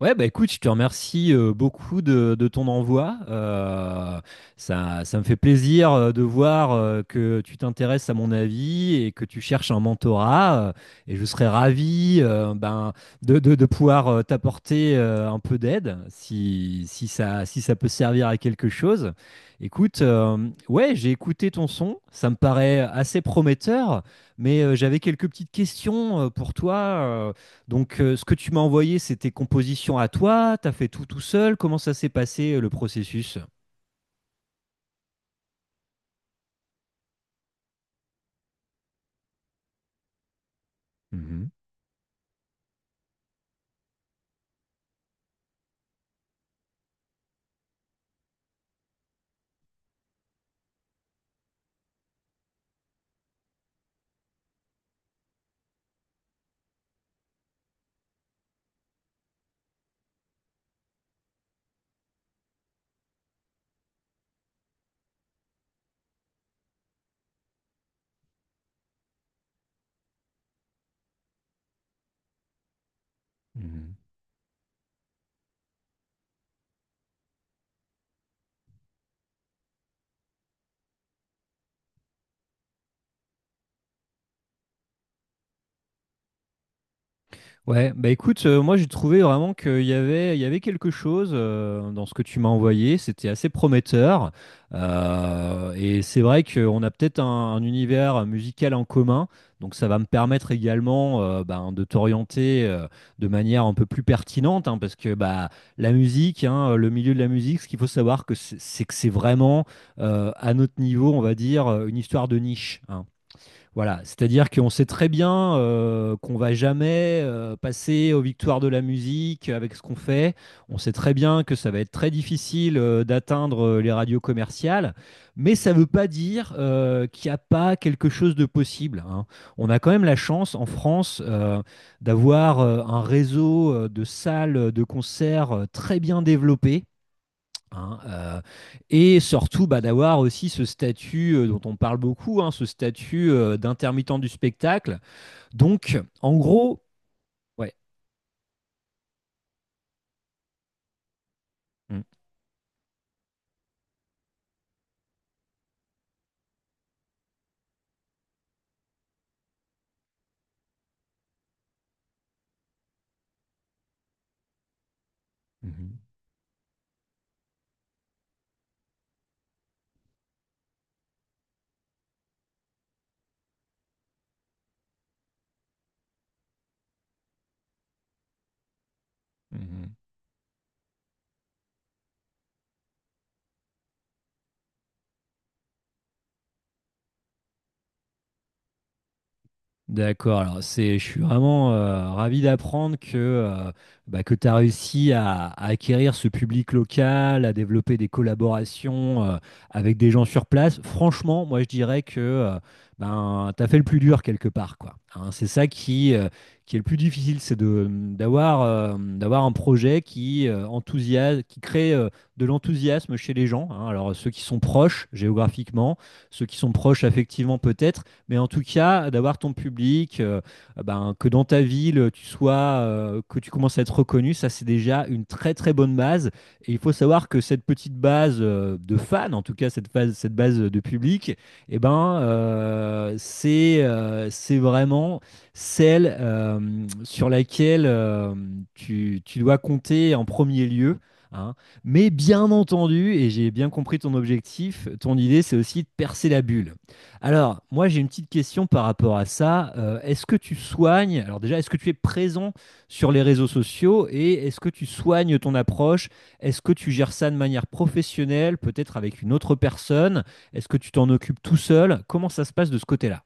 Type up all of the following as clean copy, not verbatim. Ouais, bah écoute, je te remercie beaucoup de ton envoi. Ça me fait plaisir de voir que tu t'intéresses à mon avis et que tu cherches un mentorat. Et je serais ravi de pouvoir t'apporter un peu d'aide si ça peut servir à quelque chose. Écoute, ouais, j'ai écouté ton son, ça me paraît assez prometteur, mais j'avais quelques petites questions pour toi. Donc, ce que tu m'as envoyé, c'est tes compositions à toi, tu as fait tout tout seul. Comment ça s'est passé le processus? Mhm. Mhm. Ouais, bah écoute, moi j'ai trouvé vraiment qu'il y avait quelque chose dans ce que tu m'as envoyé, c'était assez prometteur. Et c'est vrai qu'on a peut-être un univers musical en commun, donc ça va me permettre également de t'orienter de manière un peu plus pertinente, hein, parce que bah, la musique, hein, le milieu de la musique, ce qu'il faut savoir, que c'est que c'est vraiment à notre niveau, on va dire, une histoire de niche, hein. Voilà, c'est-à-dire qu'on sait très bien qu'on va jamais passer aux victoires de la musique avec ce qu'on fait. On sait très bien que ça va être très difficile d'atteindre les radios commerciales, mais ça ne veut pas dire qu'il n'y a pas quelque chose de possible, hein. On a quand même la chance en France d'avoir un réseau de salles de concert très bien développé, hein, et surtout bah, d'avoir aussi ce statut dont on parle beaucoup, hein, ce statut d'intermittent du spectacle. Donc, en gros, ouais. Mm. Mhm. Mhm. D'accord, alors je suis vraiment ravi d'apprendre que tu as réussi à acquérir ce public local, à développer des collaborations avec des gens sur place. Franchement, moi je dirais que tu as fait le plus dur quelque part, quoi. Hein, c'est ça qui est le plus difficile, c'est d'avoir un projet qui, enthousiasme, qui crée de l'enthousiasme chez les gens, hein. Alors ceux qui sont proches géographiquement, ceux qui sont proches affectivement peut-être, mais en tout cas, d'avoir ton public, que dans ta ville, tu sois, que tu commences à être reconnu, ça c'est déjà une très très bonne base. Et il faut savoir que cette petite base de fans, en tout cas cette base de public, eh ben, c'est vraiment celle sur laquelle tu dois compter en premier lieu, hein. Mais bien entendu, et j'ai bien compris ton objectif, ton idée, c'est aussi de percer la bulle. Alors, moi, j'ai une petite question par rapport à ça. Est-ce que tu soignes, alors déjà, est-ce que tu es présent sur les réseaux sociaux et est-ce que tu soignes ton approche? Est-ce que tu gères ça de manière professionnelle, peut-être avec une autre personne? Est-ce que tu t'en occupes tout seul? Comment ça se passe de ce côté-là?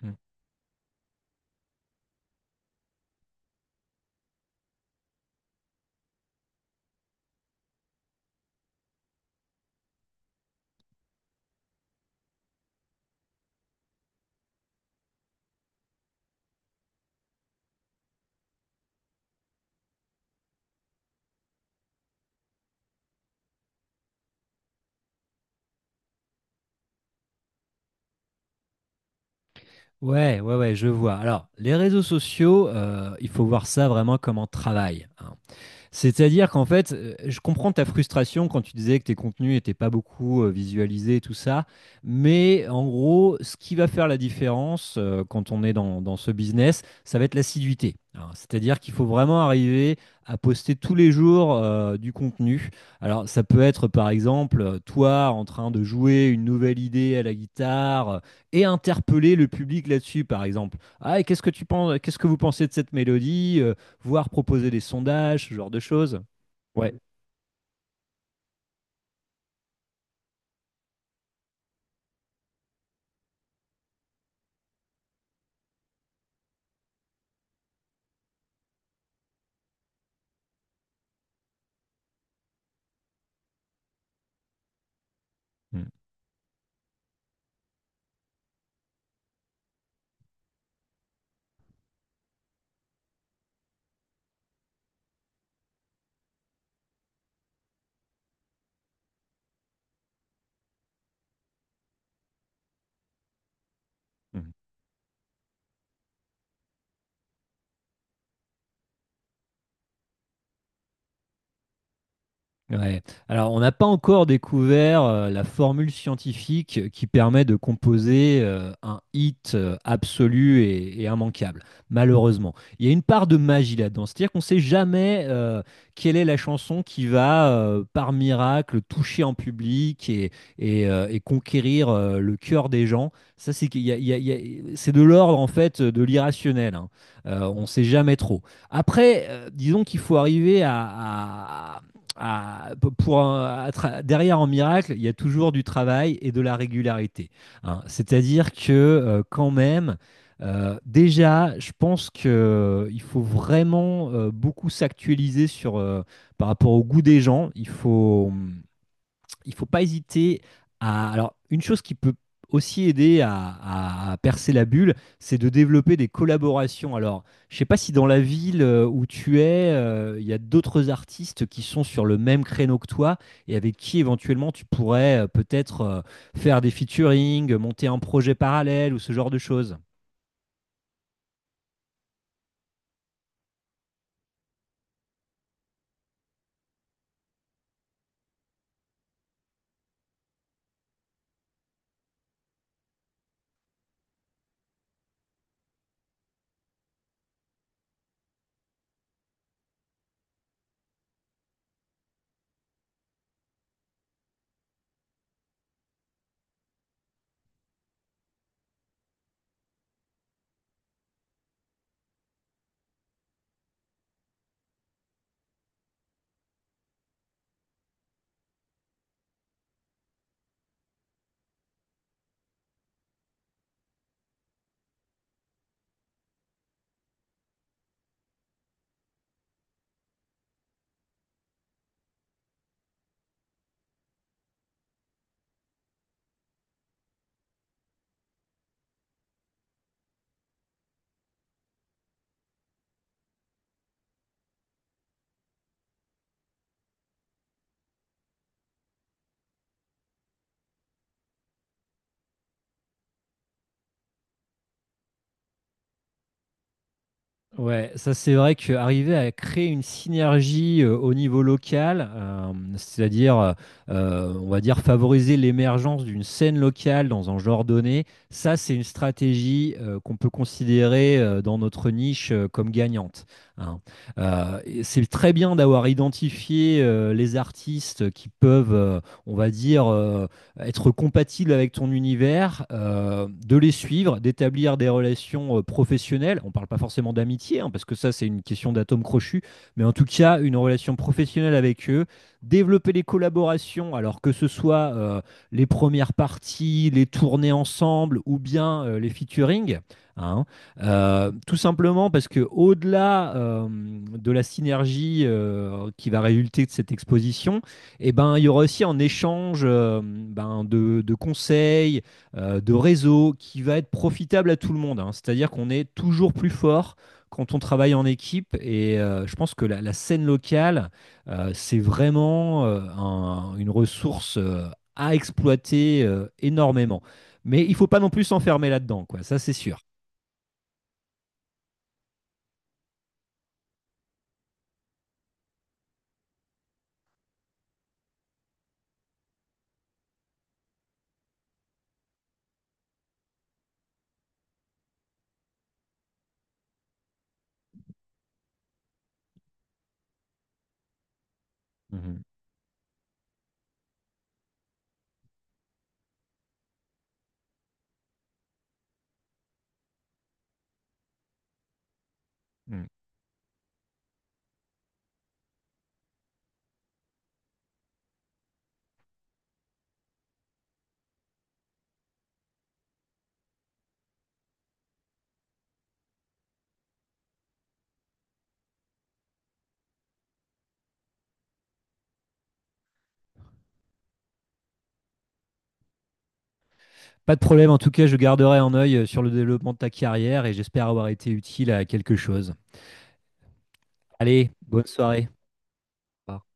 Hmm. Ouais, ouais, ouais, je vois. Alors, les réseaux sociaux, il faut voir ça vraiment comme un travail, hein. C'est-à-dire qu'en fait, je comprends ta frustration quand tu disais que tes contenus n'étaient pas beaucoup visualisés, et tout ça. Mais en gros, ce qui va faire la différence quand on est dans ce business, ça va être l'assiduité. Alors, c'est-à-dire qu'il faut vraiment arriver à poster tous les jours du contenu. Alors, ça peut être par exemple toi en train de jouer une nouvelle idée à la guitare et interpeller le public là-dessus, par exemple. Ah, et qu'est-ce que tu penses, qu'est-ce que vous pensez de cette mélodie? Voire proposer des sondages, ce genre de choses. Ouais. Mm. Mm. Ouais. Alors, on n'a pas encore découvert la formule scientifique qui permet de composer un hit absolu et immanquable, malheureusement. Il y a une part de magie là-dedans, c'est-à-dire qu'on ne sait jamais quelle est la chanson qui va, par miracle, toucher en public et conquérir le cœur des gens. Ça, c'est qu'il y a- il y a- il y a- c'est de l'ordre, en fait, de l'irrationnel, hein. On ne sait jamais trop. Après, disons qu'il faut arriver à, pour un, à derrière en miracle, il y a toujours du travail et de la régularité. Hein. C'est-à-dire que quand même, déjà, je pense qu'il faut vraiment beaucoup s'actualiser sur, par rapport au goût des gens. Il ne faut pas hésiter à. Alors, une chose qui peut aussi aider à percer la bulle, c'est de développer des collaborations. Alors, je ne sais pas si dans la ville où tu es, il y a d'autres artistes qui sont sur le même créneau que toi et avec qui éventuellement tu pourrais peut-être faire des featuring, monter un projet parallèle ou ce genre de choses. Ouais, ça c'est vrai qu'arriver à créer une synergie au niveau local, c'est-à-dire, on va dire, favoriser l'émergence d'une scène locale dans un genre donné, ça c'est une stratégie qu'on peut considérer dans notre niche comme gagnante, hein. Et c'est très bien d'avoir identifié les artistes qui peuvent, on va dire, être compatible avec ton univers, de les suivre, d'établir des relations professionnelles. On ne parle pas forcément d'amitié, hein, parce que ça, c'est une question d'atome crochu, mais en tout cas, une relation professionnelle avec eux, développer les collaborations, alors que ce soit les premières parties, les tournées ensemble ou bien les featuring, hein. Tout simplement parce que au-delà de la synergie qui va résulter de cette exposition, et ben, il y aura aussi un échange de conseils, de réseaux qui va être profitable à tout le monde, hein. C'est-à-dire qu'on est toujours plus fort quand on travaille en équipe. Et je pense que la scène locale, c'est vraiment une ressource à exploiter énormément. Mais il faut pas non plus s'enfermer là-dedans, quoi. Ça, c'est sûr. Mhm. Mhm. Pas de problème. En tout cas, je garderai un œil sur le développement de ta carrière et j'espère avoir été utile à quelque chose. Allez, bonne soirée. Pas.